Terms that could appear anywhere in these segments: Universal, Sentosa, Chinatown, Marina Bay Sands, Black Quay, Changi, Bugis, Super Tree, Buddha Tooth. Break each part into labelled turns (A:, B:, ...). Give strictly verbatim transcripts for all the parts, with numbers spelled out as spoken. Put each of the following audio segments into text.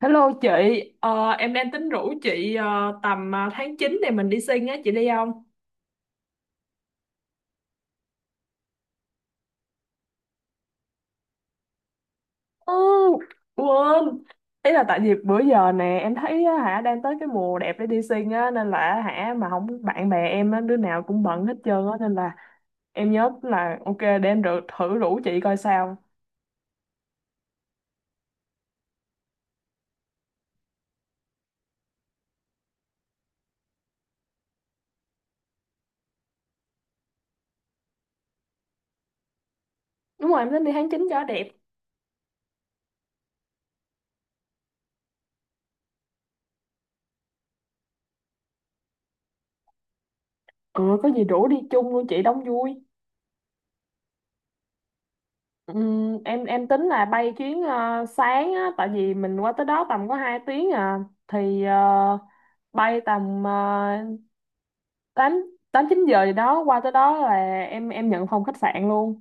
A: Hello chị. Ờ, em đang tính rủ chị ờ, tầm ờ, tháng chín này mình đi sinh á, chị đi không? Ừ, Quên, ý là tại vì bữa giờ nè em thấy á, hả đang tới cái mùa đẹp để đi sinh á nên là hả mà không bạn bè em á đứa nào cũng bận hết trơn á nên là em nhớ là ok để em rủ, thử rủ chị coi sao. Đúng rồi, em tính đi tháng chín cho đẹp. Ừ, có gì rủ đi chung luôn chị đóng vui. Ừm, em em tính là bay chuyến ờ, sáng á, tại vì mình qua tới đó tầm có hai tiếng à thì ờ, bay tầm uh, tám 8 chín giờ gì đó, qua tới đó là em em nhận phòng khách sạn luôn.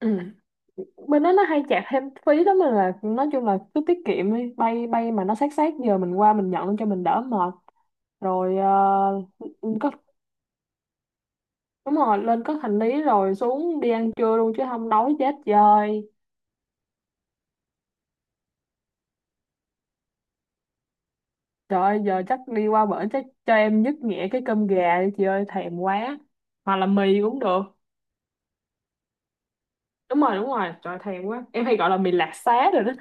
A: Ừ. Bên đó nó hay chặt thêm phí lắm nên là nói chung là cứ tiết kiệm đi, bay bay mà nó sát sát giờ mình qua mình nhận cho mình đỡ mệt. Rồi. Ờ, có Đúng rồi, lên có hành lý rồi xuống đi ăn trưa luôn chứ không đói chết trời. Trời ơi, giờ chắc đi qua bển chắc cho em dứt nhẹ cái cơm gà đi chị ơi, thèm quá. Hoặc là mì cũng được. Đúng rồi, đúng rồi, trời ơi, thèm quá. Em hay gọi là mì lạc xá rồi đó.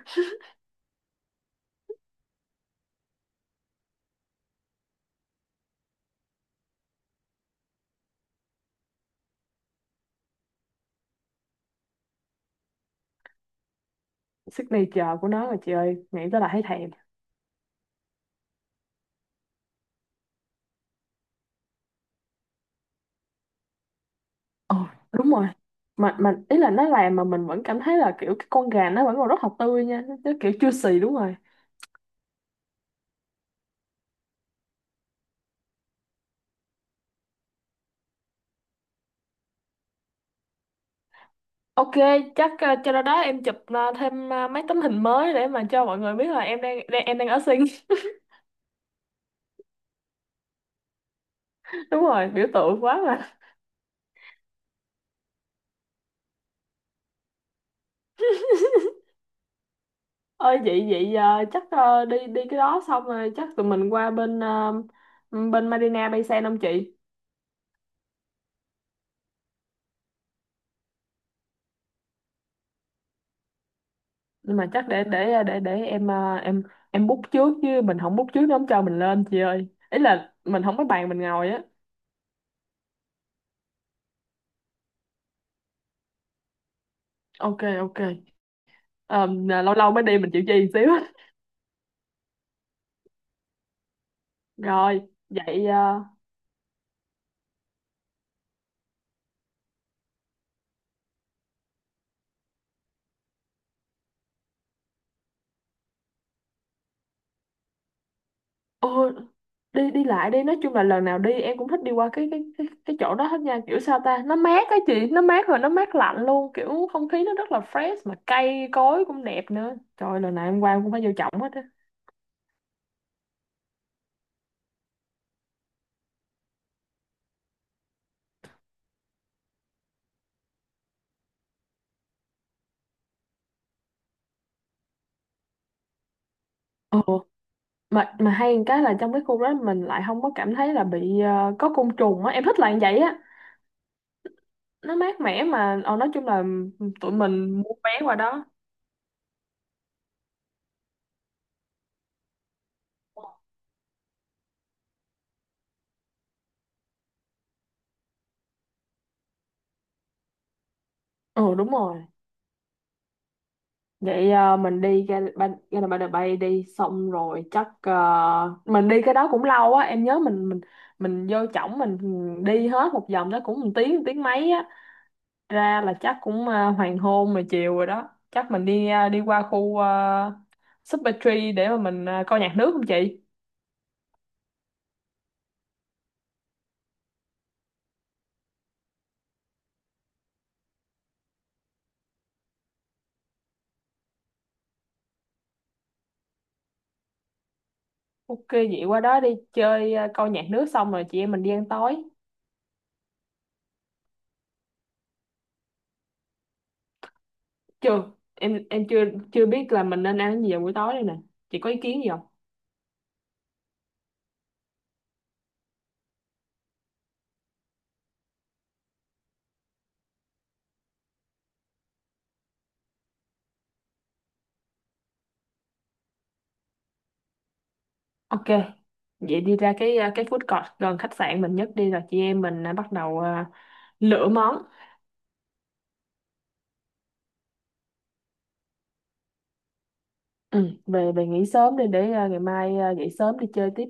A: Signature của nó rồi chị ơi, nghĩ tới là thấy thèm. Ồ, đúng rồi. Mà, mà ý là nó làm mà mình vẫn cảm thấy là kiểu cái con gà nó vẫn còn rất là tươi nha, nó, nó kiểu chưa xì, đúng rồi. Ok, chắc ờ, cho đó đó em chụp ờ, thêm ờ, mấy tấm hình mới để mà cho mọi người biết là em đang, đang em đang ở Sing. Đúng rồi, biểu tượng quá mà. Ơi vậy vậy ờ, chắc ờ, đi đi cái đó xong rồi chắc tụi mình qua bên ờ, bên Marina Bay Sen không chị? Nhưng mà chắc để để ờ, để để em ờ, em em book trước, chứ mình không book trước nó không cho mình lên chị ơi, ý là mình không có bàn mình ngồi á. Ok, ok. Ờ, lâu lâu mới đi mình chịu chi một xíu. Rồi. Vậy uh... đi đi lại đi nói chung là lần nào đi em cũng thích đi qua cái cái cái cái chỗ đó hết nha, kiểu sao ta, nó mát á chị, nó mát, rồi nó mát lạnh luôn, kiểu không khí nó rất là fresh mà cây cối cũng đẹp nữa, trời lần nào em qua em cũng phải vô trọng hết á. Ừ. mà mà hay một cái là trong cái khu đó mình lại không có cảm thấy là bị ờ, có côn trùng á, em thích là như vậy á, nó mát mẻ mà ờ, nói chung là tụi mình mua vé qua đó. Ừ, đúng rồi. Vậy à, mình đi ra ban ra là ban bay đi xong rồi chắc à, mình đi cái đó cũng lâu á, em nhớ mình mình mình vô trỏng mình đi hết một vòng đó cũng một tiếng, một tiếng mấy á, ra là chắc cũng à, hoàng hôn rồi, chiều rồi đó, chắc mình đi à, đi qua khu uh, Super Tree để mà mình à, coi nhạc nước không chị? Ok, vậy qua đó đi chơi à, coi nhạc nước xong rồi chị em mình đi ăn tối. Chưa, em em chưa chưa biết là mình nên ăn cái gì vào buổi tối đây nè, chị có ý kiến gì không? Ok, vậy đi ra cái à, cái food court gần khách sạn mình nhất đi, rồi chị em mình à, bắt đầu à, lựa món. Ừ, về về nghỉ sớm đi để à, ngày mai à, dậy sớm đi chơi tiếp.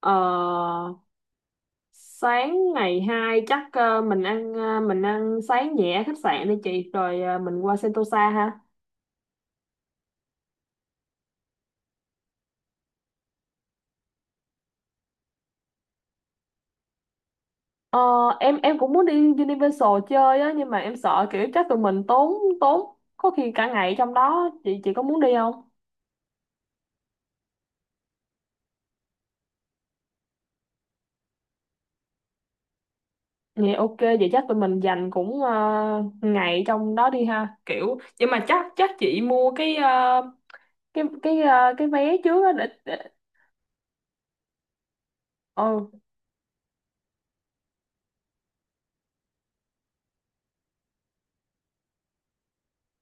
A: Ờ, Sáng ngày hai chắc à, mình ăn à, mình ăn sáng nhẹ ở khách sạn đi chị, rồi à, mình qua Sentosa ha. Ờ, em em cũng muốn đi Universal chơi á, nhưng mà em sợ kiểu chắc tụi mình tốn tốn có khi cả ngày trong đó, chị chị có muốn đi không? Vậy ok, vậy chắc tụi mình dành cũng ờ, ngày trong đó đi ha. Kiểu nhưng mà chắc chắc chị mua cái ờ, cái cái ờ, cái vé trước á để, để. Ừ,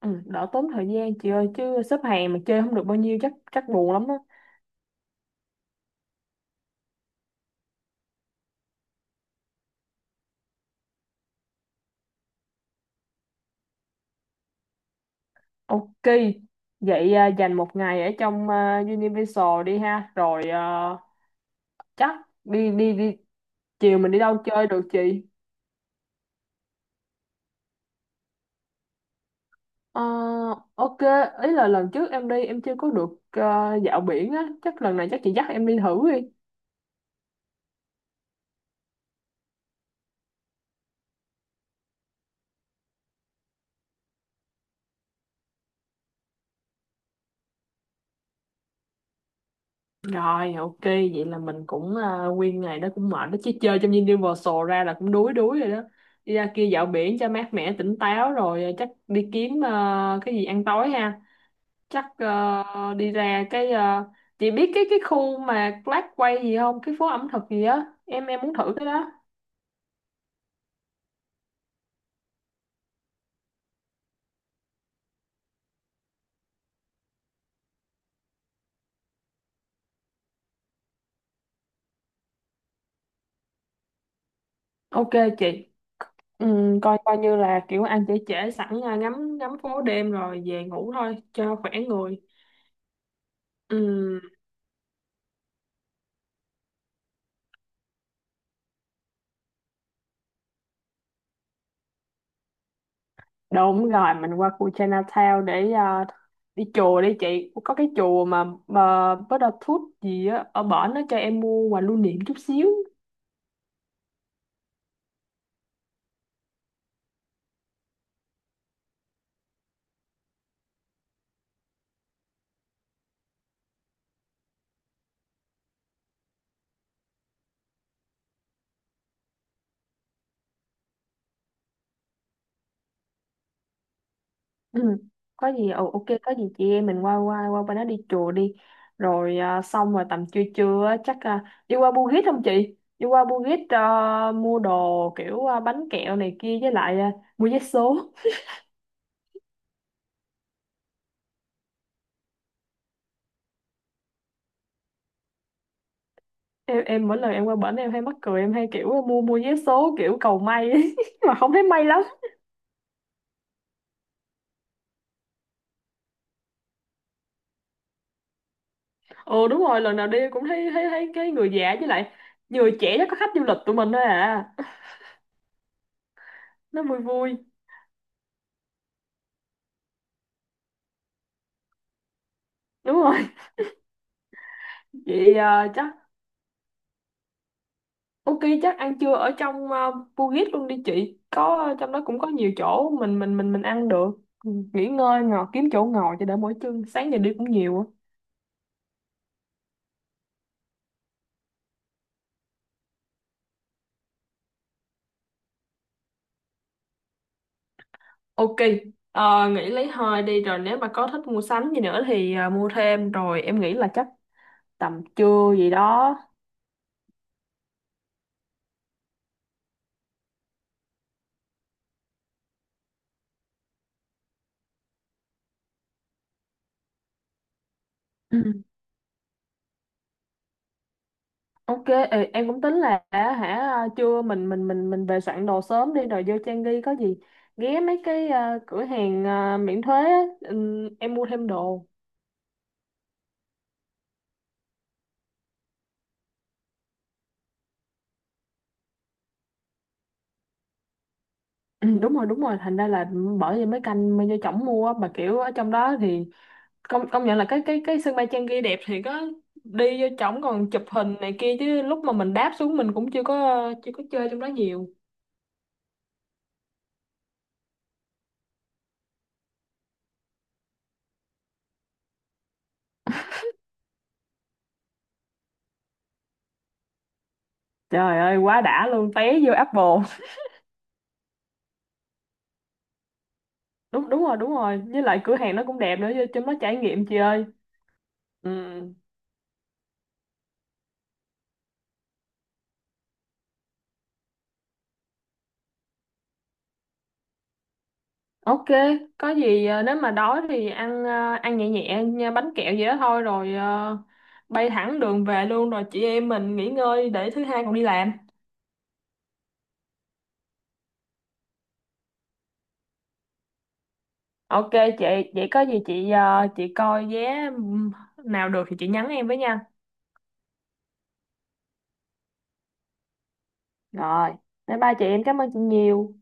A: ừ, đỡ tốn thời gian chị ơi, chứ xếp hàng mà chơi không được bao nhiêu chắc chắc buồn lắm á. Ok. Vậy ờ, dành một ngày ở trong ờ, Universal đi ha, rồi ờ, chắc đi đi đi chiều mình đi đâu chơi được chị? Ờ, ok, ý là lần trước em đi em chưa có được ờ, dạo biển á, chắc lần này chắc chị dắt em đi thử đi. Rồi, ok, vậy là mình cũng à, nguyên ngày đó cũng mệt đó chứ, chơi trong Universal ra là cũng đuối đuối rồi đó. Đi ra kia dạo biển cho mát mẻ tỉnh táo, rồi à, chắc đi kiếm à, cái gì ăn tối ha. Chắc à, đi ra cái à, chị biết cái cái khu mà Black Quay gì không? Cái phố ẩm thực gì á, Em em muốn thử cái đó. Ok chị. Ừ, coi coi như là kiểu ăn trễ trễ sẵn à, ngắm ngắm phố đêm rồi về ngủ thôi cho khỏe người. Ừ. Đúng rồi, mình qua khu Chinatown để ờ, đi chùa đi chị. Có cái chùa mà mà Buddha Tooth gì á, ở bển nó cho em mua quà lưu niệm chút xíu. Ừ. Có gì, ồ ok, có gì chị em mình qua qua qua bên đó đi chùa đi. Rồi ờ, xong rồi tầm trưa trưa á, chắc ờ, đi qua Bugis không chị? Đi qua Bugis ờ, mua đồ kiểu ờ, bánh kẹo này kia với lại ờ, mua vé số. Em em mỗi lần em qua bển em hay mắc cười, em hay kiểu mua mua vé số kiểu cầu may ấy. Mà không thấy may lắm. Ừ, đúng rồi, lần nào đi cũng thấy thấy thấy cái người già, với lại người trẻ chắc có khách du lịch tụi mình thôi à, nó vui vui. Đúng rồi. Vậy à, chắc ok, chắc ăn trưa ở trong uh, Bugis luôn đi chị, có trong đó cũng có nhiều chỗ mình mình mình mình ăn được. Ừ, nghỉ ngơi ngồi kiếm chỗ ngồi cho đỡ mỏi chân, sáng giờ đi cũng nhiều á. Ok, ờ, nghỉ lấy hơi đi rồi nếu mà có thích mua sắm gì nữa thì à, mua thêm, rồi em nghĩ là chắc tầm trưa gì đó. Ok, ê, em cũng tính là á, hả trưa mình mình mình mình về soạn đồ sớm đi rồi vô Trang Ghi, có gì ghé mấy cái ờ, cửa hàng ờ, miễn thuế á, ừm, em mua thêm đồ. Ừ, đúng rồi đúng rồi, thành ra là bởi vì mấy canh mới vô chổng mua á, mà kiểu ở trong đó thì công công nhận là cái cái cái sân bay Trang Ghi đẹp thì có, đi vô chổng còn chụp hình này kia, chứ lúc mà mình đáp xuống mình cũng chưa có chưa có chơi trong đó nhiều. Trời ơi quá đã luôn, té vô Apple. Đúng đúng rồi đúng rồi, với lại cửa hàng nó cũng đẹp nữa, vô trong đó trải nghiệm chị ơi. Ừ, ok, có gì ờ, nếu mà đói thì ăn ờ, ăn nhẹ nhẹ nha, bánh kẹo gì đó thôi, rồi ờ, bay thẳng đường về luôn, rồi chị em mình nghỉ ngơi để thứ hai còn đi làm. Ok chị, vậy có gì chị ờ, chị coi vé ừm, nào được thì chị nhắn em với nha. Rồi, bye bye chị, em cảm ơn chị nhiều.